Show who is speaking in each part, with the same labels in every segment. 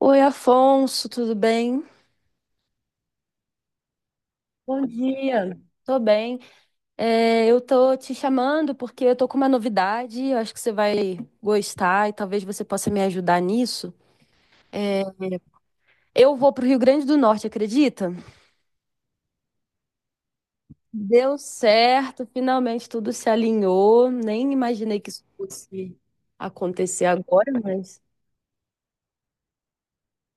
Speaker 1: Oi, Afonso, tudo bem? Bom dia. Tô bem. É, eu tô te chamando porque eu tô com uma novidade, eu acho que você vai gostar e talvez você possa me ajudar nisso. Eu vou pro Rio Grande do Norte, acredita? Deu certo, finalmente tudo se alinhou. Nem imaginei que isso fosse acontecer agora, mas.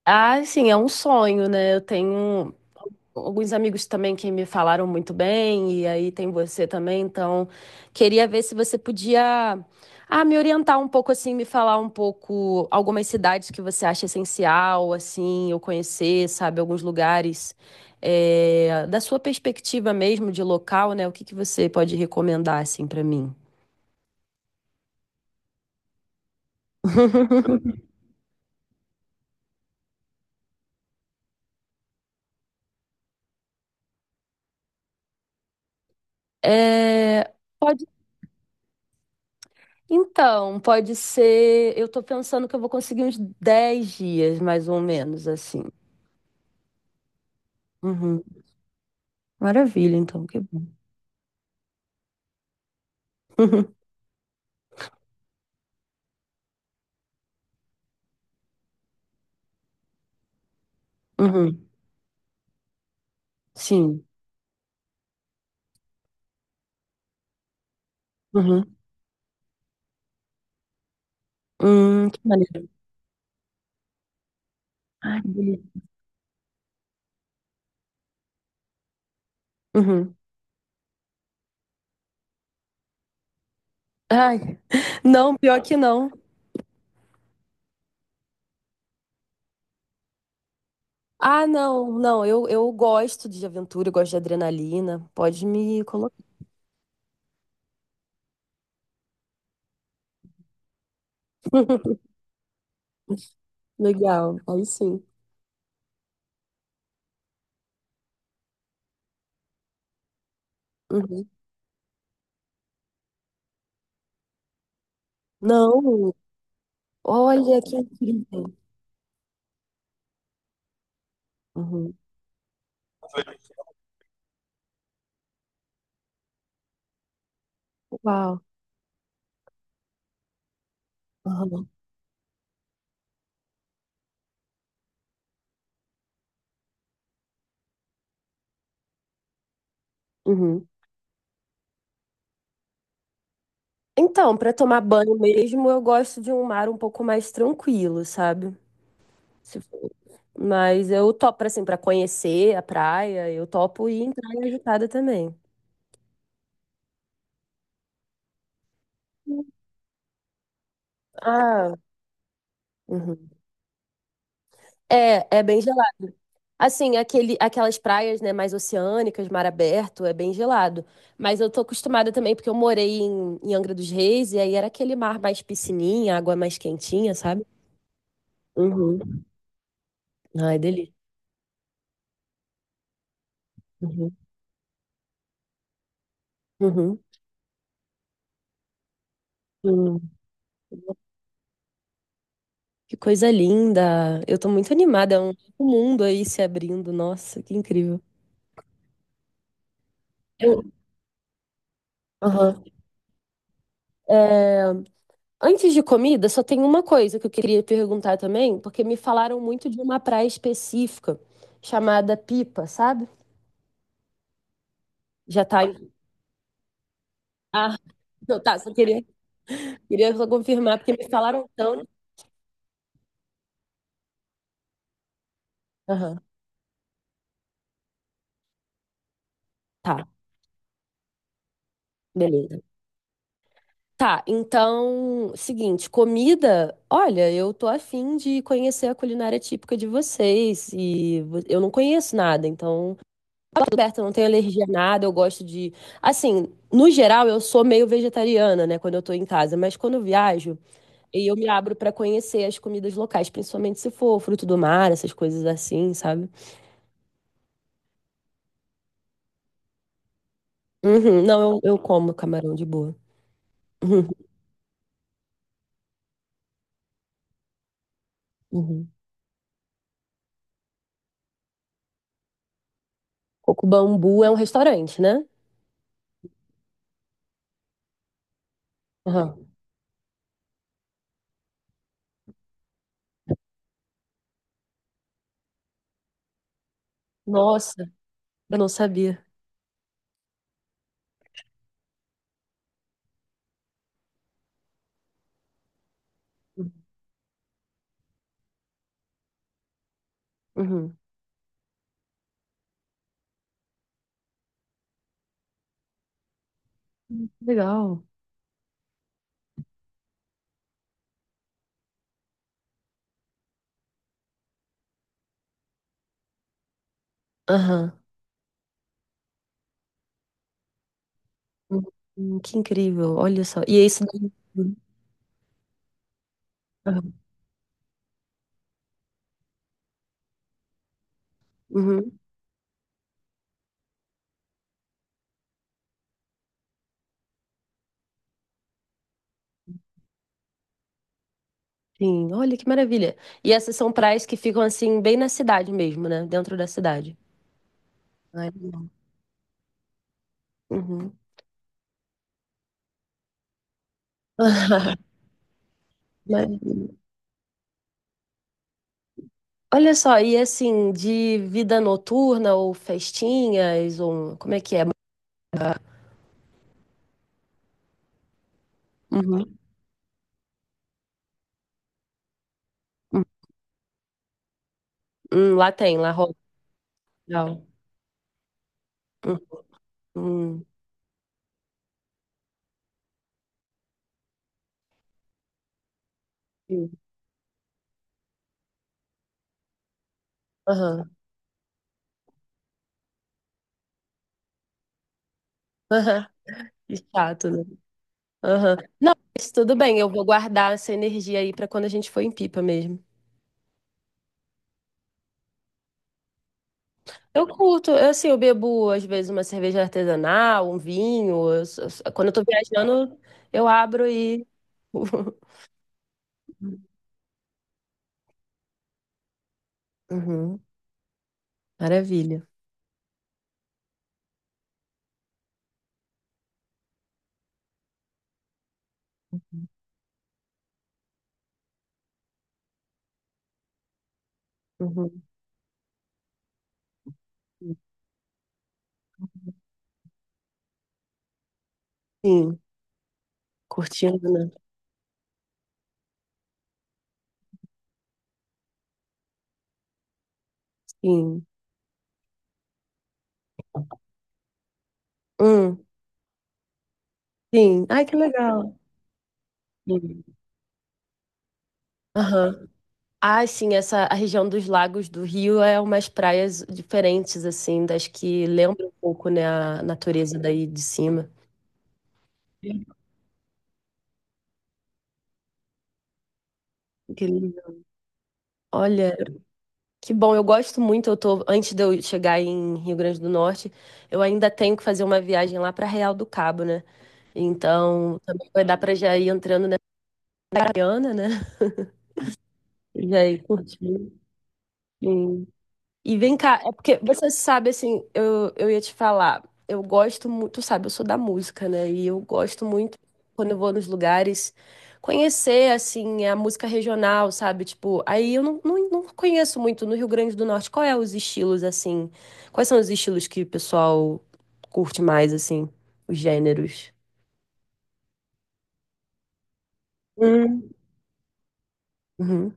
Speaker 1: Ah, sim, é um sonho, né? Eu tenho alguns amigos também que me falaram muito bem, e aí tem você também, então queria ver se você podia me orientar um pouco assim, me falar um pouco algumas cidades que você acha essencial, assim, eu conhecer, sabe, alguns lugares é, da sua perspectiva mesmo de local, né? O que que você pode recomendar assim para mim? É, pode, então, pode ser, eu tô pensando que eu vou conseguir uns 10 dias mais ou menos assim. Uhum. Maravilha, então, que bom. Uhum, uhum, sim. Uhum. Que maneiro. Ai, que delícia. Uhum. Ai, não, pior que não. Ah, não, não, eu gosto de aventura, eu gosto de adrenalina. Pode me colocar. Legal, aí sim. Uhum. Não, olha que incrível. Uhum. Uau. Uhum. Uhum. Então, para tomar banho mesmo, eu gosto de um mar um pouco mais tranquilo, sabe? Se for. Mas eu topo, assim, pra conhecer a praia, eu topo ir em praia agitada também. Ah, uhum. É, é bem gelado. Assim, aquele, aquelas praias, né, mais oceânicas, mar aberto, é bem gelado. Mas eu tô acostumada também, porque eu morei em Angra dos Reis, e aí era aquele mar mais piscininha, água mais quentinha, sabe? Uhum. Ai, delícia. Uhum. Uhum. Uhum. Que coisa linda. Eu tô muito animada, é um novo mundo aí se abrindo. Nossa, que incrível. Eu. Aham. É, antes de comida, só tem uma coisa que eu queria perguntar também, porque me falaram muito de uma praia específica chamada Pipa, sabe? Já tá. Ah, não, tá, só queria, queria só confirmar, porque me falaram tanto. Aham, tá, beleza. Tá, então, seguinte, comida, olha, eu tô afim de conhecer a culinária típica de vocês e eu não conheço nada, então tudo certo, eu não tenho alergia a nada, eu gosto de. Assim, no geral, eu sou meio vegetariana, né, quando eu tô em casa, mas quando eu viajo, e eu me abro pra conhecer as comidas locais, principalmente se for fruto do mar, essas coisas assim, sabe? Uhum, não, eu como camarão de boa. Uhum. Coco Bambu é um restaurante, né? Aham. Nossa, eu não sabia. Uhum. Que legal. Aham. Hum, que incrível, olha só. E é isso daí. Uhum. Aham. Uhum. Sim, olha que maravilha. E essas são praias que ficam assim, bem na cidade mesmo, né? Dentro da cidade. Ai, uhum. Maravilha. Olha só, e assim, de vida noturna ou festinhas, ou um, como é que é? Uhum. Hum, lá tem, lá rola. Legal. Hum, hum. Aham. Aham. Que chato, né? Aham. Não, mas tudo bem, eu vou guardar essa energia aí para quando a gente for em Pipa mesmo. Eu curto, eu, assim, eu bebo às vezes uma cerveja artesanal, um vinho. Quando eu tô viajando, eu abro e. Uhum, maravilha. Uhum, sim, curtindo, né? Sim. Hum, sim. Ai, que legal. Sim. Aham. Ah, sim, essa a região dos lagos do Rio é umas praias diferentes, assim, das que lembram um pouco, né, a natureza daí de cima. Sim. Que lindo. Olha. Que bom, eu gosto muito. Eu tô, antes de eu chegar em Rio Grande do Norte, eu ainda tenho que fazer uma viagem lá para Real do Cabo, né? Então, também vai dar para já ir entrando na Mariana, né? Já ir curtindo. E vem cá, é porque você sabe, assim, eu ia te falar, eu gosto muito, tu sabe, eu sou da música, né? E eu gosto muito, quando eu vou nos lugares, conhecer, assim, a música regional, sabe? Tipo, aí eu não, não, não conheço muito no Rio Grande do Norte. Qual é os estilos, assim? Quais são os estilos que o pessoal curte mais, assim? Os gêneros? Hum, Uhum.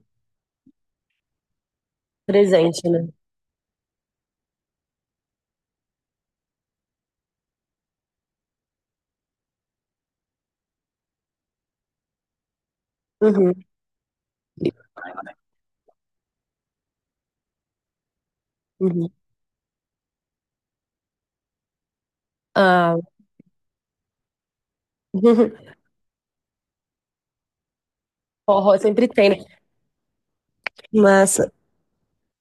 Speaker 1: Presente, né? Uhum. Uhum. Ah, forró sempre tem, né? Mas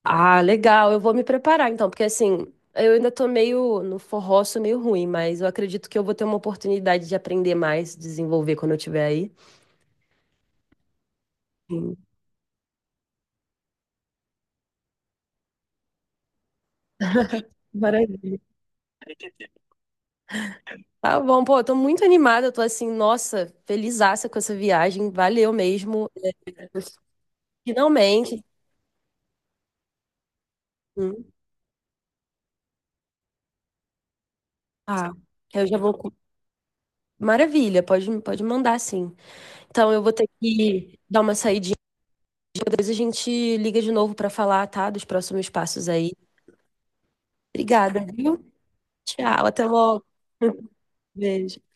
Speaker 1: ah, legal. Eu vou me preparar então, porque assim, eu ainda tô meio no forró, sou meio ruim, mas eu acredito que eu vou ter uma oportunidade de aprender mais, desenvolver quando eu estiver aí. Sim. Maravilha. Tá bom, pô, eu tô muito animada, eu tô assim, nossa, felizaça com essa viagem, valeu mesmo. É, finalmente. Hum. Ah, eu já vou. Com- Maravilha, pode, pode mandar sim. Então eu vou ter que dar uma saidinha, depois a gente liga de novo pra falar, tá, dos próximos passos aí. Obrigada, viu? Tchau, até logo. Beijo.